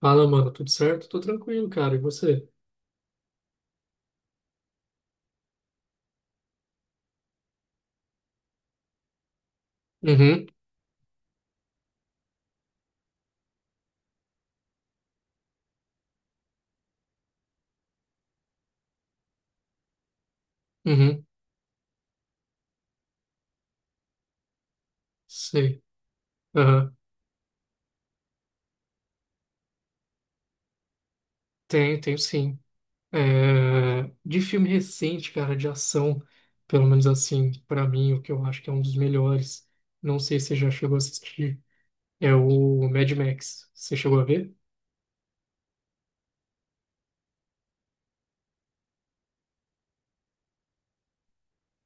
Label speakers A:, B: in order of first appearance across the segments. A: Fala, mano, tudo certo? Tô tranquilo, cara. E você? Uhum, uhum, sei. Aham. Tenho, tenho sim. De filme recente, cara, de ação, pelo menos assim, pra mim, o que eu acho que é um dos melhores, não sei se você já chegou a assistir, é o Mad Max. Você chegou a ver?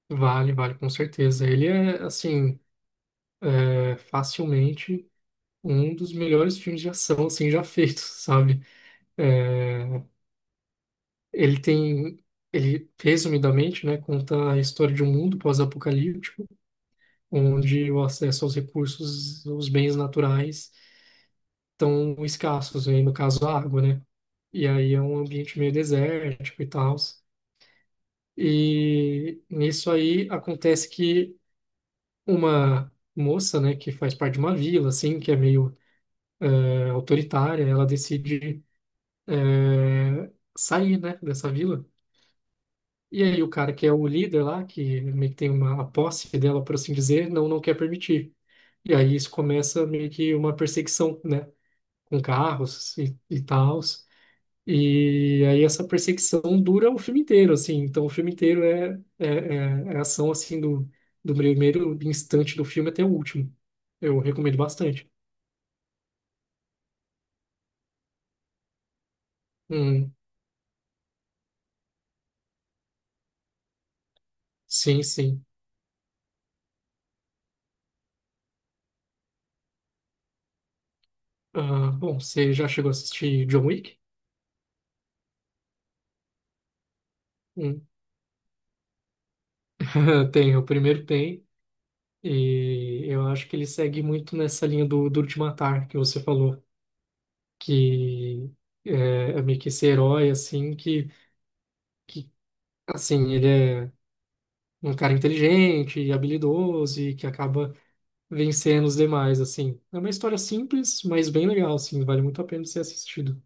A: Vale, vale, com certeza. Ele é, assim, é facilmente um dos melhores filmes de ação, assim, já feitos, sabe? É, Ele tem, ele resumidamente, né, conta a história de um mundo pós-apocalíptico, onde o acesso aos recursos, os bens naturais estão escassos, aí no caso a água, né? E aí é um ambiente meio desértico e tal. E nisso aí acontece que uma moça, né, que faz parte de uma vila, assim, que é meio autoritária, ela decide é, sair, né, dessa vila. E aí o cara que é o líder lá, que meio que tem uma a posse dela, por assim dizer, não, não quer permitir. E aí isso começa meio que uma perseguição, né? Com carros e tals. E aí essa perseguição dura o filme inteiro, assim. Então o filme inteiro é ação, assim, do primeiro instante do filme até o último. Eu recomendo bastante. Hum, sim, sim. Ah, bom, você já chegou a assistir John Wick? Hum. Tem, o primeiro tem. E eu acho que ele segue muito nessa linha do Duro de Matar que você falou, que é, é meio que esse herói, assim, que assim, ele é um cara inteligente e habilidoso e que acaba vencendo os demais, assim. É uma história simples, mas bem legal, assim, vale muito a pena ser assistido.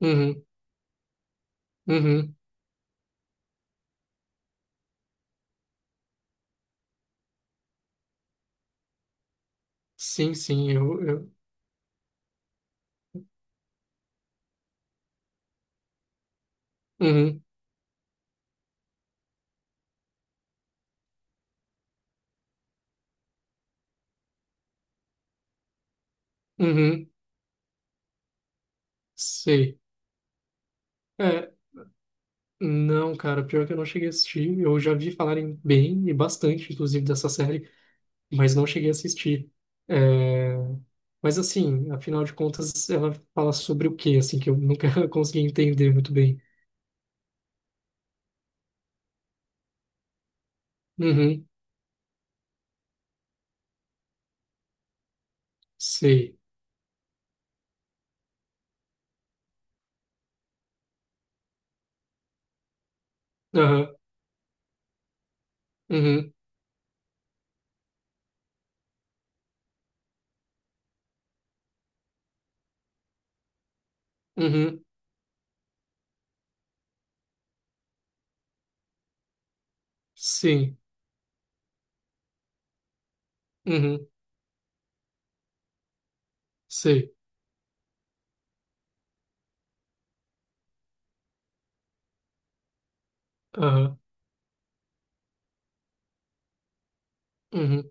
A: Uhum, uhum, sim, sim, eu, uhum, uhum, sei. É, não, cara, pior que eu não cheguei a assistir, eu já vi falarem bem e bastante, inclusive, dessa série. Mas não cheguei a assistir. É, Mas assim, afinal de contas, ela fala sobre o quê, assim, que eu nunca consegui entender muito bem. Uhum, sei. Aham, uhum, uhum, sim. Uhum, sei. Aham, uhum,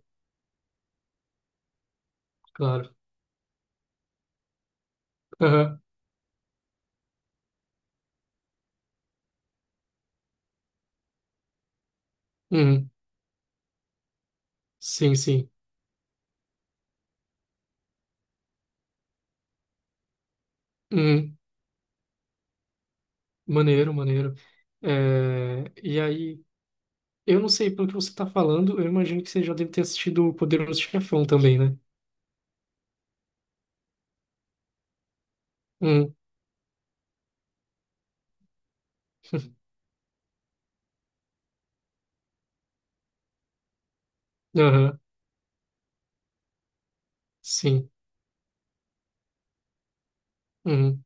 A: claro. Aham, uhum, sim, sim. Uhum, maneiro, maneiro. E aí, eu não sei, pelo que você está falando, eu imagino que você já deve ter assistido o Poderoso Chefão também, né? Uhum, aham, sim. Uhum.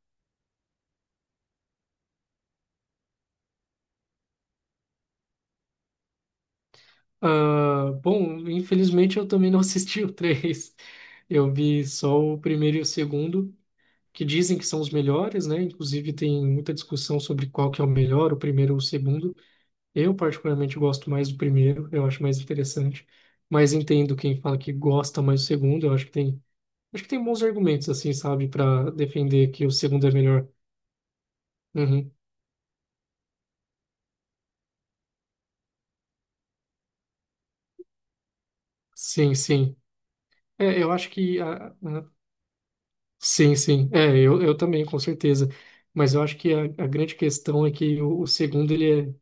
A: Ah, bom, infelizmente eu também não assisti o três. Eu vi só o primeiro e o segundo, que dizem que são os melhores, né? Inclusive tem muita discussão sobre qual que é o melhor, o primeiro ou o segundo. Eu particularmente gosto mais do primeiro, eu acho mais interessante. Mas entendo quem fala que gosta mais do segundo, eu acho que tem bons argumentos assim, sabe, para defender que o segundo é melhor. Uhum. Sim, sim. É, eu acho que a- Sim, sim. Eu também, com certeza. Mas eu acho que a grande questão é que o segundo, ele é,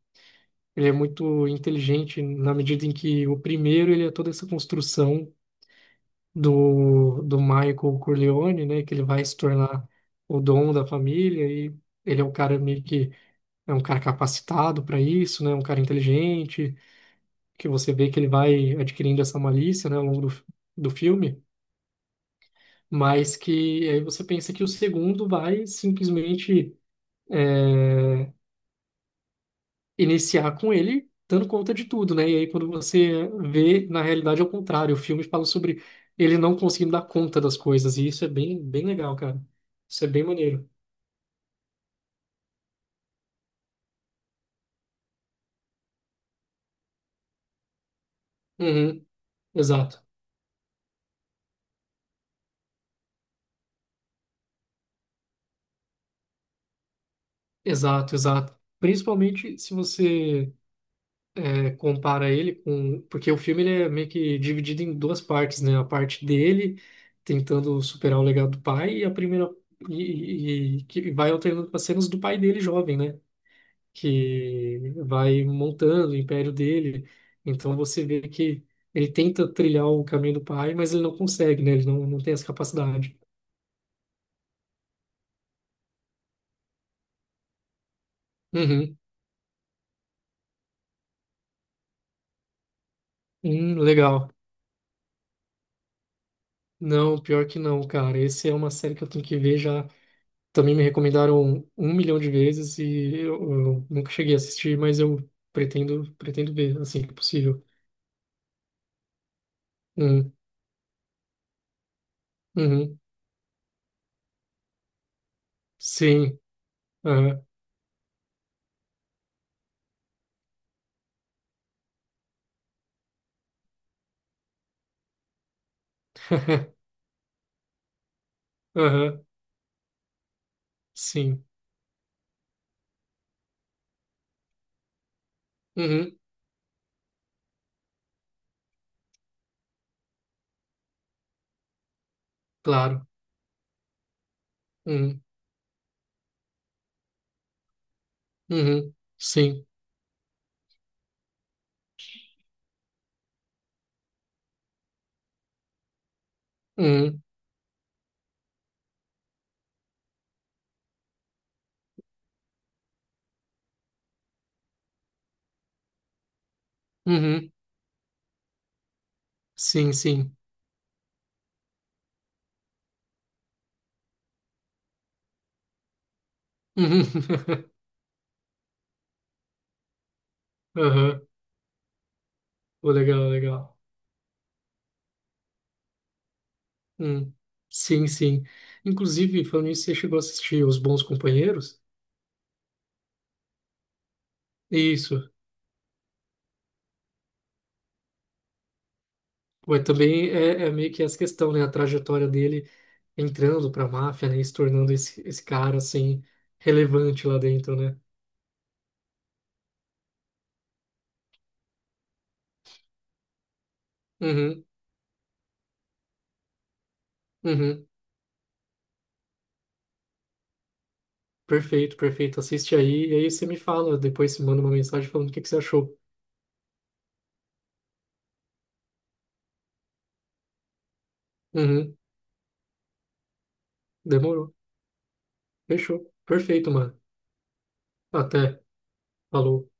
A: ele é muito inteligente na medida em que o primeiro, ele é toda essa construção do Michael Corleone, né? Que ele vai se tornar o dono da família e ele é um cara meio que... É um cara capacitado para isso, né? Um cara inteligente, que você vê que ele vai adquirindo essa malícia, né? Ao longo do filme. Mas que aí você pensa que o segundo vai simplesmente é, iniciar com ele dando conta de tudo, né? E aí quando você vê, na realidade é o contrário, o filme fala sobre ele não conseguindo dar conta das coisas, e isso é bem, bem legal, cara. Isso é bem maneiro. Uhum, exato, exato, exato. Principalmente se você compara ele com... Porque o filme ele é meio que dividido em duas partes, né? A parte dele tentando superar o legado do pai e a primeira... E que vai alternando com as cenas do pai dele jovem, né? Que vai montando o império dele. Então você vê que ele tenta trilhar o caminho do pai, mas ele não consegue, né? Ele não, não tem essa capacidade. Uhum. Legal. Não, pior que não, cara. Esse é uma série que eu tenho que ver já. Também me recomendaram um milhão de vezes e eu nunca cheguei a assistir, mas eu pretendo, pretendo ver assim que possível. Hum, uhum. Sim. Aham. Aham. Sim. Uhum. Claro. Uhum. Uhum. Sim. Hum, uhum, sim, sim. Uhum, aham, pô, legal, legal. Hum, sim, sim. Inclusive, falando nisso, você chegou a assistir Os Bons Companheiros? Isso. Ué, também é meio que essa questão, né? A trajetória dele entrando pra máfia, né? E se tornando esse cara, assim, relevante lá dentro, né? Uhum, uhum. Perfeito, perfeito. Assiste aí e aí você me fala. Depois você manda uma mensagem falando o que que você achou. Uhum, demorou. Fechou. Perfeito, mano. Até. Falou.